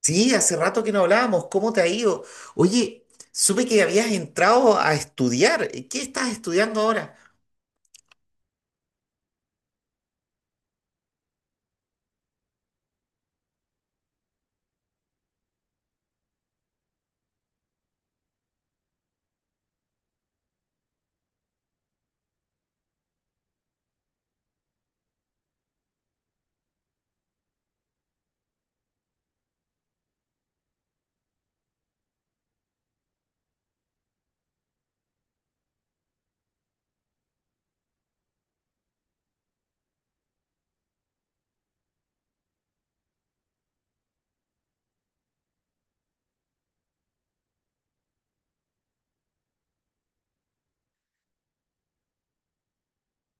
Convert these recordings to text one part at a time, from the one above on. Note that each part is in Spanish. Sí, hace rato que no hablábamos. ¿Cómo te ha ido? Oye, supe que habías entrado a estudiar. ¿Qué estás estudiando ahora?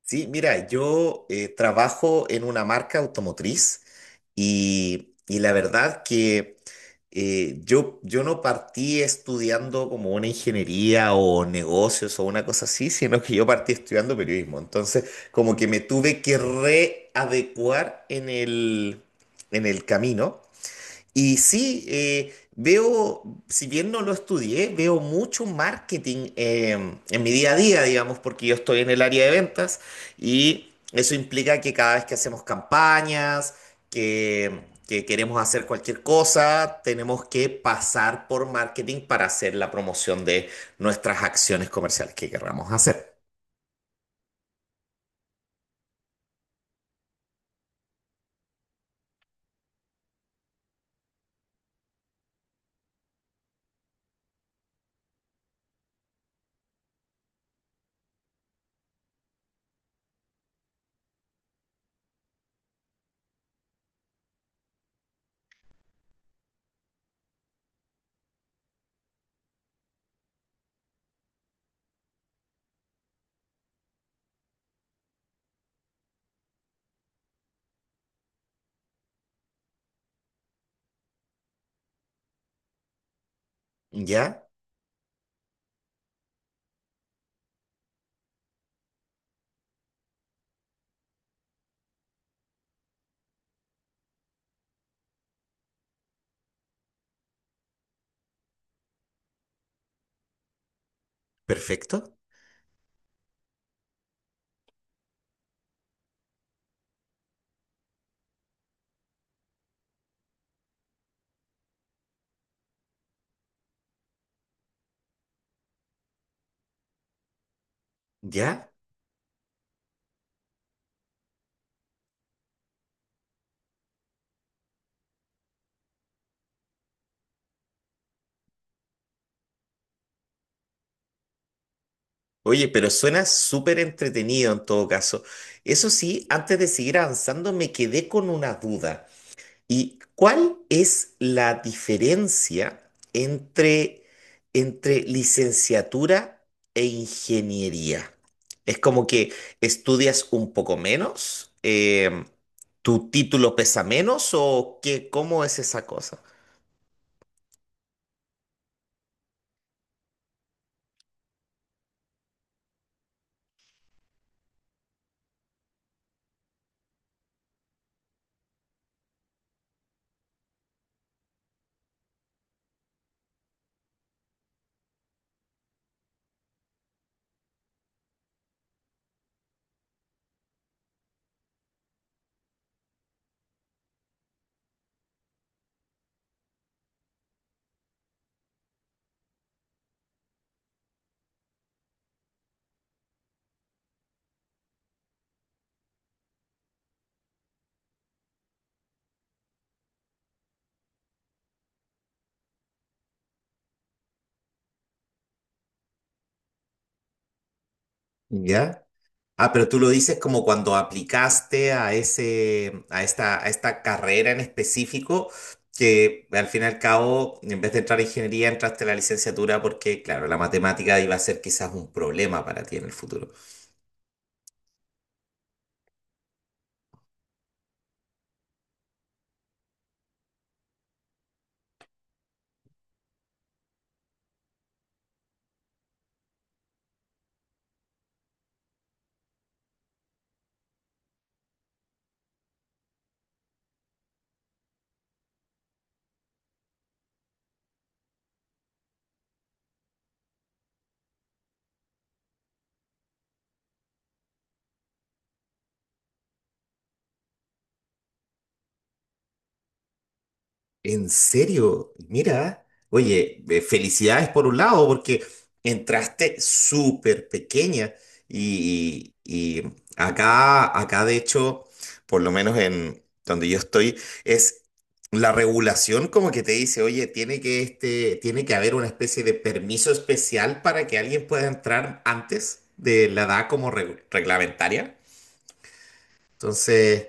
Sí, mira, yo trabajo en una marca automotriz y la verdad que yo no partí estudiando como una ingeniería o negocios o una cosa así, sino que yo partí estudiando periodismo. Entonces, como que me tuve que readecuar en en el camino. Y sí, veo, si bien no lo estudié, veo mucho marketing en mi día a día, digamos, porque yo estoy en el área de ventas y eso implica que cada vez que hacemos campañas, que, que queremos hacer cualquier cosa, tenemos que pasar por marketing para hacer la promoción de nuestras acciones comerciales que queramos hacer. ¿Ya? Perfecto. ¿Ya? Oye, pero suena súper entretenido en todo caso. Eso sí, antes de seguir avanzando, me quedé con una duda. ¿Y cuál es la diferencia entre, licenciatura e ingeniería? Es como que estudias un poco menos, tu título pesa menos o qué, ¿cómo es esa cosa? Ya. Ah, pero tú lo dices como cuando aplicaste a ese, a esta carrera en específico, que al fin y al cabo, en vez de entrar a ingeniería, entraste a la licenciatura porque, claro, la matemática iba a ser quizás un problema para ti en el futuro. ¿En serio? Mira, oye, felicidades por un lado, porque entraste súper pequeña y acá de hecho, por lo menos en donde yo estoy, es la regulación como que te dice, oye, tiene que, este, tiene que haber una especie de permiso especial para que alguien pueda entrar antes de la edad como reglamentaria. Entonces...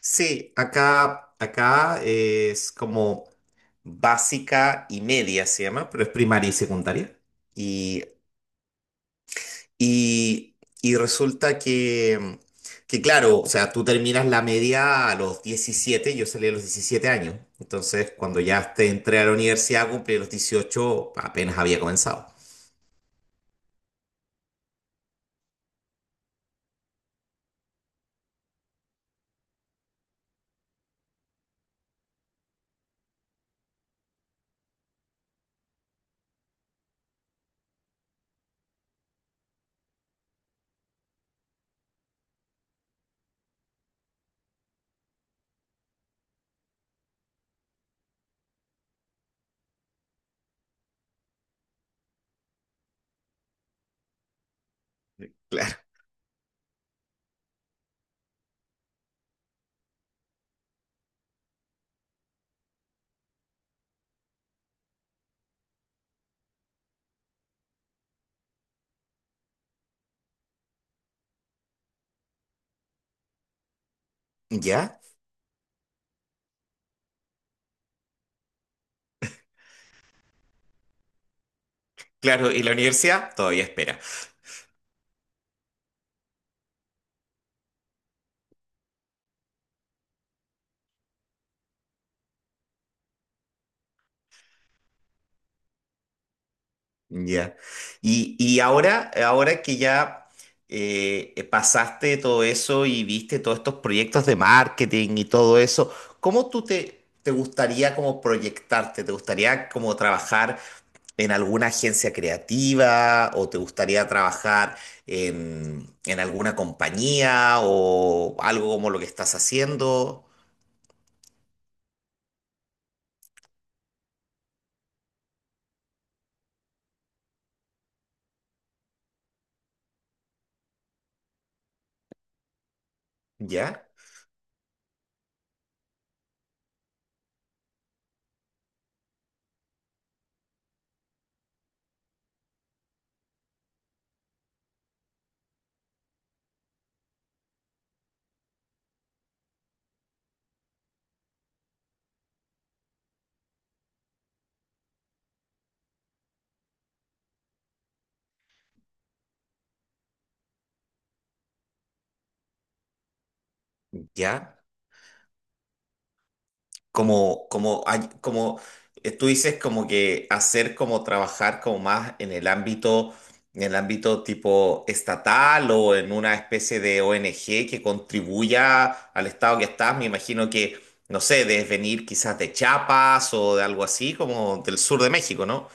Sí, acá es como básica y media se llama, pero es primaria y secundaria. Y, y, y resulta que, claro, o sea, tú terminas la media a los 17, yo salí a los 17 años. Entonces, cuando ya te entré a la universidad, cumplí los 18, apenas había comenzado. Claro. ¿Ya? Claro, y la universidad todavía espera. Ya. Y ahora, que ya pasaste todo eso y viste todos estos proyectos de marketing y todo eso, ¿cómo tú te, te gustaría como proyectarte? ¿Te gustaría como trabajar en alguna agencia creativa o te gustaría trabajar en, alguna compañía o algo como lo que estás haciendo? ¿Ya? ¿Ya? como, como, hay- como tú dices, como que hacer como trabajar como más en el ámbito tipo estatal o en una especie de ONG que contribuya al estado que estás, me imagino que, no sé, debes venir quizás de Chiapas o de algo así, como del sur de México, ¿no?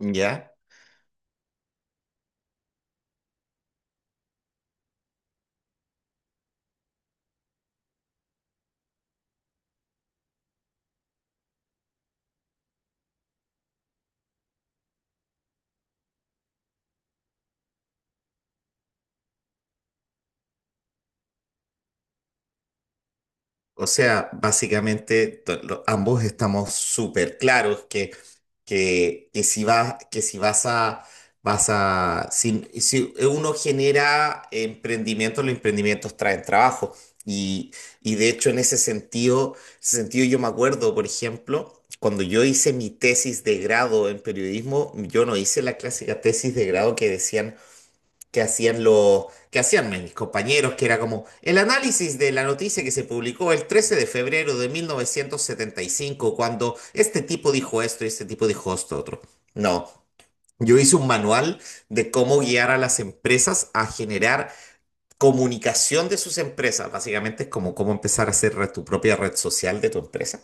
Ya. O sea, básicamente ambos estamos súper claros que si vas a, vas a, si, si uno genera emprendimientos, los emprendimientos traen trabajo. Y, y de hecho, en ese sentido, yo me acuerdo, por ejemplo, cuando yo hice mi tesis de grado en periodismo, yo no hice la clásica tesis de grado que decían que hacían los, que hacían mis compañeros, que era como el análisis de la noticia que se publicó el 13 de febrero de 1975 cuando este tipo dijo esto y este tipo dijo esto otro. No, yo hice un manual de cómo guiar a las empresas a generar comunicación de sus empresas. Básicamente es como cómo empezar a hacer tu propia red social de tu empresa.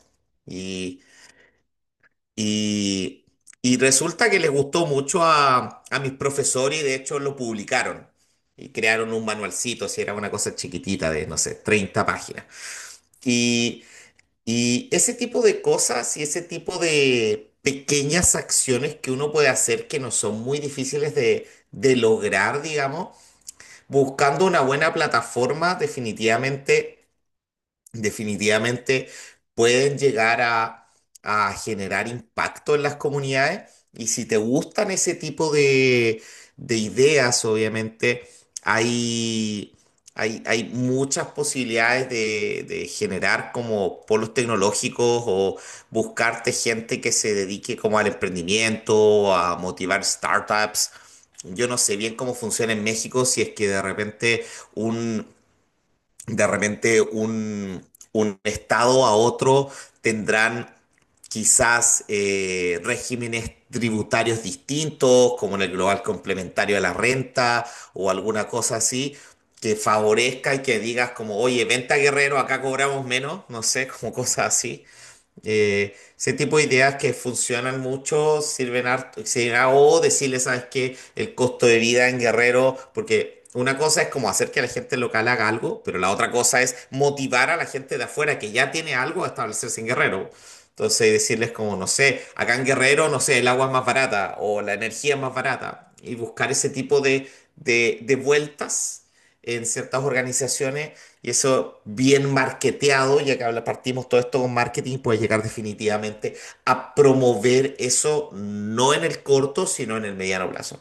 Y, y resulta que les gustó mucho a mis profesores y de hecho lo publicaron. Y crearon un manualcito, si era una cosa chiquitita de, no sé, 30 páginas. Y, y ese tipo de cosas y ese tipo de pequeñas acciones que uno puede hacer que no son muy difíciles de lograr, digamos, buscando una buena plataforma, definitivamente pueden llegar a generar impacto en las comunidades. Y si te gustan ese tipo de ideas, obviamente hay, hay muchas posibilidades de generar como polos tecnológicos o buscarte gente que se dedique como al emprendimiento, a motivar startups. Yo no sé bien cómo funciona en México, si es que un, de repente un estado a otro tendrán quizás regímenes tributarios distintos, como en el global complementario de la renta o alguna cosa así, que favorezca y que digas como, oye, venta Guerrero, acá cobramos menos, no sé, como cosas así. Ese tipo de ideas que funcionan mucho sirven harto, sirven o decirle, ¿sabes qué? El costo de vida en Guerrero, porque una cosa es como hacer que la gente local haga algo, pero la otra cosa es motivar a la gente de afuera que ya tiene algo a establecerse en Guerrero. Entonces decirles como, no sé, acá en Guerrero, no sé, el agua es más barata o la energía es más barata y buscar ese tipo de, de vueltas en ciertas organizaciones y eso bien marketeado, ya que partimos todo esto con marketing, puede llegar definitivamente a promover eso no en el corto, sino en el mediano plazo.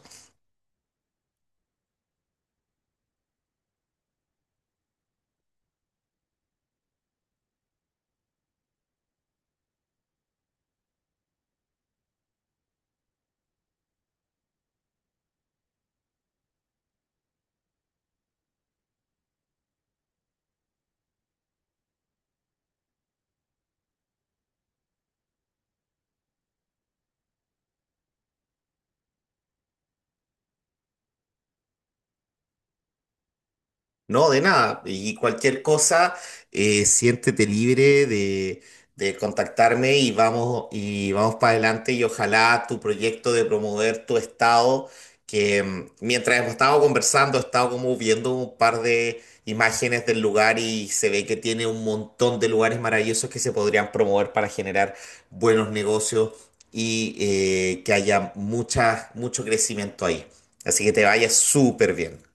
No, de nada. Y cualquier cosa, siéntete libre de contactarme y vamos para adelante y ojalá tu proyecto de promover tu estado, que mm, mientras hemos estado conversando, he estado como viendo un par de imágenes del lugar y se ve que tiene un montón de lugares maravillosos que se podrían promover para generar buenos negocios y que haya mucho crecimiento ahí. Así que te vaya súper bien.